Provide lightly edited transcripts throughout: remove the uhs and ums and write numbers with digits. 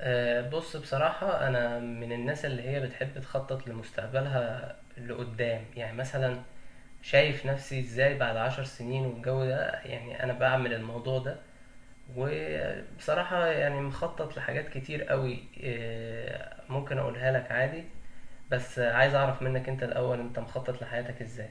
بص، بصراحة أنا من الناس اللي هي بتحب تخطط لمستقبلها لقدام. يعني مثلا شايف نفسي إزاي بعد 10 سنين والجو ده، يعني أنا بعمل الموضوع ده. وبصراحة يعني مخطط لحاجات كتير قوي، ممكن أقولها لك عادي. بس عايز أعرف منك أنت الأول، أنت مخطط لحياتك إزاي؟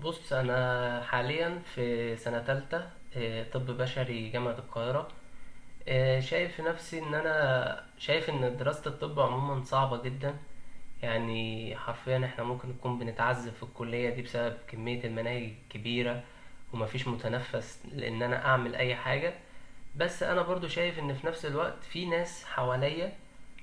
بص أنا حاليا في سنة تالتة، طب بشري جامعة القاهرة. شايف في نفسي ان انا شايف ان دراسة الطب عموما صعبة جدا. يعني حرفيا احنا ممكن نكون بنتعذب في الكلية دي بسبب كمية المناهج الكبيرة ومفيش متنفس لان انا اعمل اي حاجة. بس انا برضو شايف ان في نفس الوقت في ناس حواليا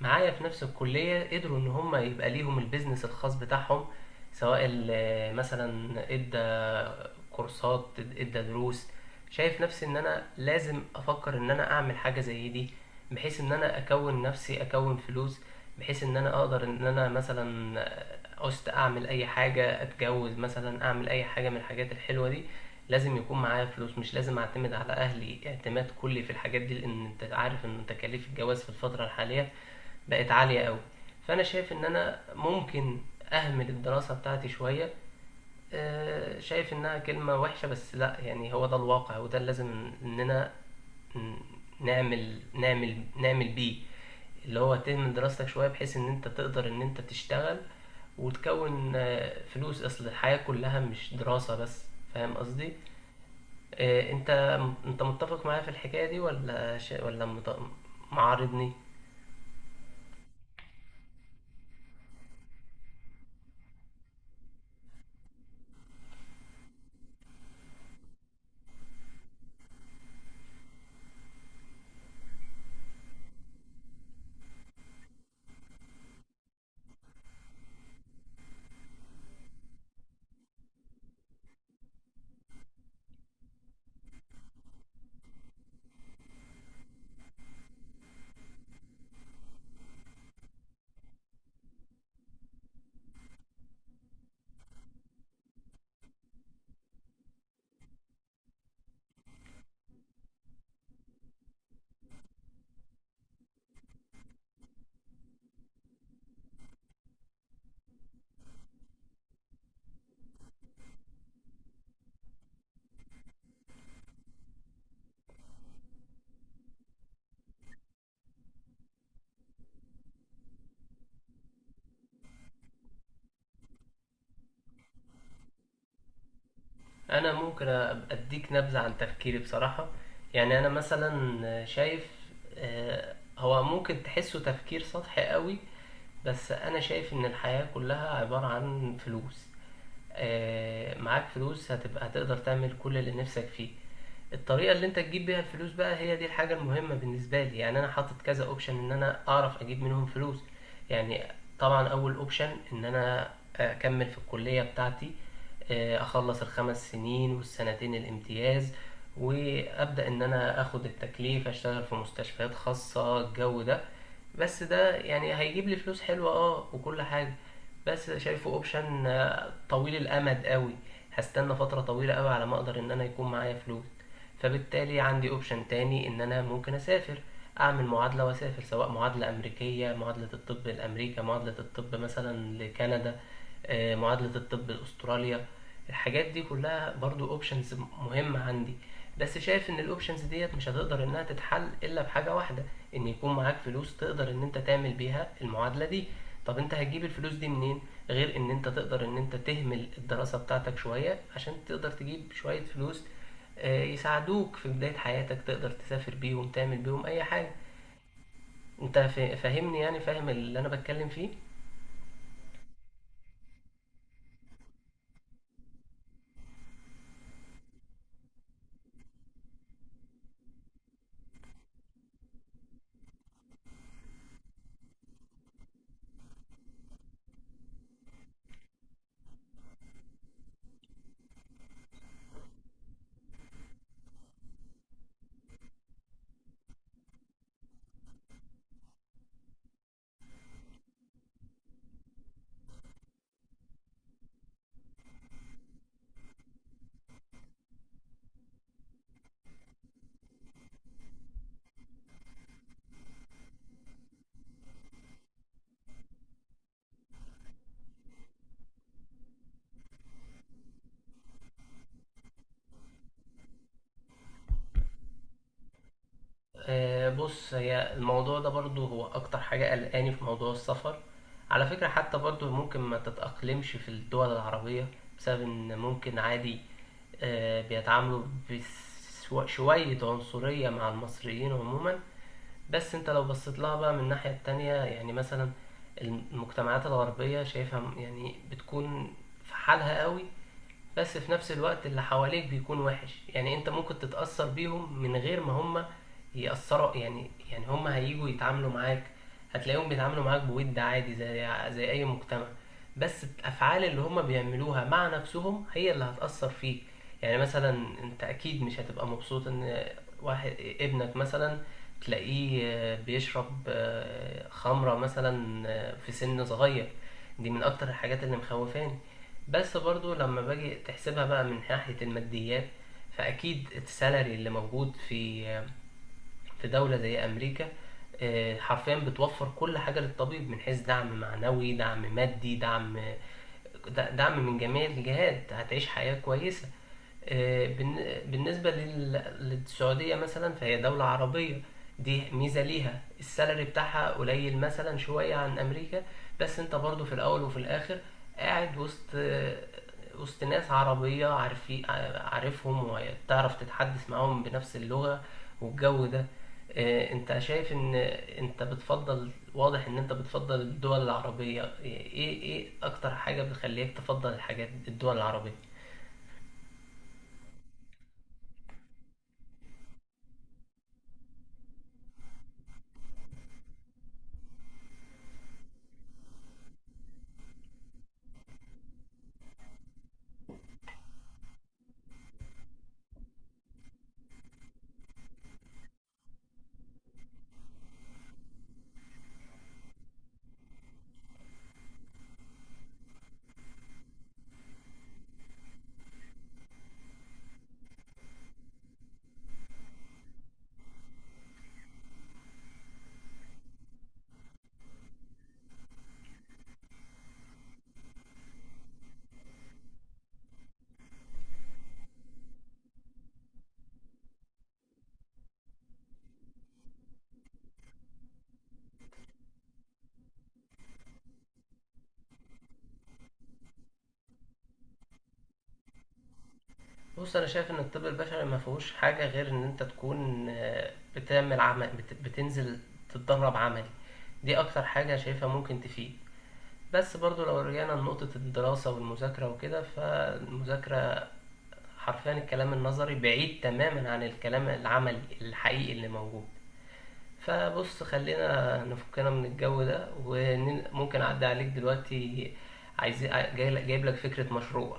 معايا في نفس الكلية قدروا ان هم يبقى ليهم البيزنس الخاص بتاعهم، سواء مثلا ادى كورسات، ادى دروس. شايف نفسي ان انا لازم افكر ان انا اعمل حاجة زي دي، بحيث ان انا اكون نفسي، اكون فلوس، بحيث ان انا اقدر ان انا مثلا عوزت اعمل اي حاجة، اتجوز مثلا، اعمل اي حاجة من الحاجات الحلوة دي. لازم يكون معايا فلوس، مش لازم اعتمد على اهلي اعتماد كلي في الحاجات دي، لان انت عارف ان تكاليف الجواز في الفترة الحالية بقت عالية قوي. فانا شايف ان انا ممكن اهمل الدراسة بتاعتي شوية. شايف انها كلمة وحشة، بس لا، يعني هو ده الواقع وده اللي لازم اننا نعمل نعمل نعمل بيه. اللي هو تهمل دراستك شوية بحيث ان انت تقدر ان انت تشتغل وتكون فلوس، اصل الحياة كلها مش دراسة بس. فاهم قصدي؟ إيه، انت، انت متفق معايا في الحكايه دي ولا ولا معارضني؟ انا ممكن اديك نبذه عن تفكيري بصراحه. يعني انا مثلا شايف، هو ممكن تحسه تفكير سطحي قوي، بس انا شايف ان الحياه كلها عباره عن فلوس. معاك فلوس هتبقى هتقدر تعمل كل اللي نفسك فيه. الطريقه اللي انت تجيب بيها الفلوس بقى هي دي الحاجه المهمه بالنسبه لي. يعني انا حاطط كذا اوبشن ان انا اعرف اجيب منهم فلوس. يعني طبعا اول اوبشن ان انا اكمل في الكليه بتاعتي، اخلص 5 سنين والسنتين الامتياز، وابدا ان انا اخد التكليف، اشتغل في مستشفيات خاصه، الجو ده. بس ده يعني هيجيب لي فلوس حلوه اه وكل حاجه، بس شايفه اوبشن طويل الامد قوي، هستنى فتره طويله قوي على ما اقدر ان انا يكون معايا فلوس. فبالتالي عندي اوبشن تاني ان انا ممكن اسافر، اعمل معادلة واسافر، سواء معادلة امريكية، معادلة الطب لامريكا، معادلة الطب مثلا لكندا، معادلة الطب لاستراليا. الحاجات دي كلها برضو اوبشنز مهمة عندي. بس شايف ان الاوبشنز ديت مش هتقدر انها تتحل الا بحاجة واحدة، ان يكون معاك فلوس تقدر ان انت تعمل بيها المعادلة دي. طب انت هتجيب الفلوس دي منين غير ان انت تقدر ان انت تهمل الدراسة بتاعتك شوية عشان تقدر تجيب شوية فلوس، يساعدوك في بداية حياتك، تقدر تسافر بيهم، تعمل بيهم أي حاجة. أنت فاهمني، يعني فاهم اللي أنا بتكلم فيه؟ بص، هي الموضوع ده برضو هو أكتر حاجة قلقاني في موضوع السفر. على فكرة، حتى برضو ممكن ما تتأقلمش في الدول العربية بسبب إن ممكن عادي بيتعاملوا بشوية عنصرية مع المصريين عموما. بس انت لو بصيت لها بقى من الناحية التانية، يعني مثلا المجتمعات الغربية شايفها يعني بتكون في حالها قوي. بس في نفس الوقت اللي حواليك بيكون وحش، يعني انت ممكن تتأثر بيهم من غير ما هم يأثروا. يعني هم هيجوا يتعاملوا معاك، هتلاقيهم بيتعاملوا معاك بود عادي، زي اي مجتمع. بس الافعال اللي هم بيعملوها مع نفسهم هي اللي هتأثر فيك. يعني مثلا انت اكيد مش هتبقى مبسوط ان واحد، ابنك مثلا، تلاقيه بيشرب خمرة مثلا في سن صغير. دي من اكتر الحاجات اللي مخوفاني. بس برضو لما باجي تحسبها بقى من ناحية الماديات، فأكيد السالري اللي موجود في دولة زي أمريكا، حرفيا بتوفر كل حاجة للطبيب من حيث دعم معنوي، دعم مادي، دعم، دعم من جميع الجهات. هتعيش حياة كويسة. بالنسبة للسعودية مثلا، فهي دولة عربية، دي ميزة ليها. السالري بتاعها قليل مثلا شوية عن أمريكا، بس أنت برضو في الأول وفي الآخر قاعد وسط وسط ناس عربية، عارفين، عارفهم وتعرف تتحدث معاهم بنفس اللغة، والجو ده. أنت شايف إن أنت بتفضل، واضح إن أنت بتفضل الدول العربية. إيه أكتر حاجة بتخليك تفضل الحاجات الدول العربية؟ بص انا شايف ان الطب البشري ما فيهوش حاجه غير ان انت تكون بتعمل عمل، بتنزل تتدرب عملي. دي اكتر حاجه شايفها ممكن تفيد. بس برضو لو رجعنا لنقطه الدراسه والمذاكره وكده، فالمذاكره حرفيا الكلام النظري بعيد تماما عن الكلام العملي الحقيقي اللي موجود. فبص خلينا نفكنا من الجو ده، وممكن اعدي عليك دلوقتي. عايز جايب لك فكره مشروع.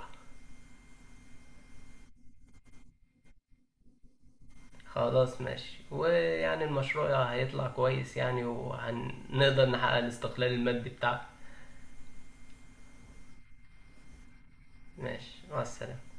خلاص ماشي، ويعني المشروع هيطلع كويس يعني، وهنقدر نحقق الاستقلال المادي بتاعنا. ماشي، مع السلامة.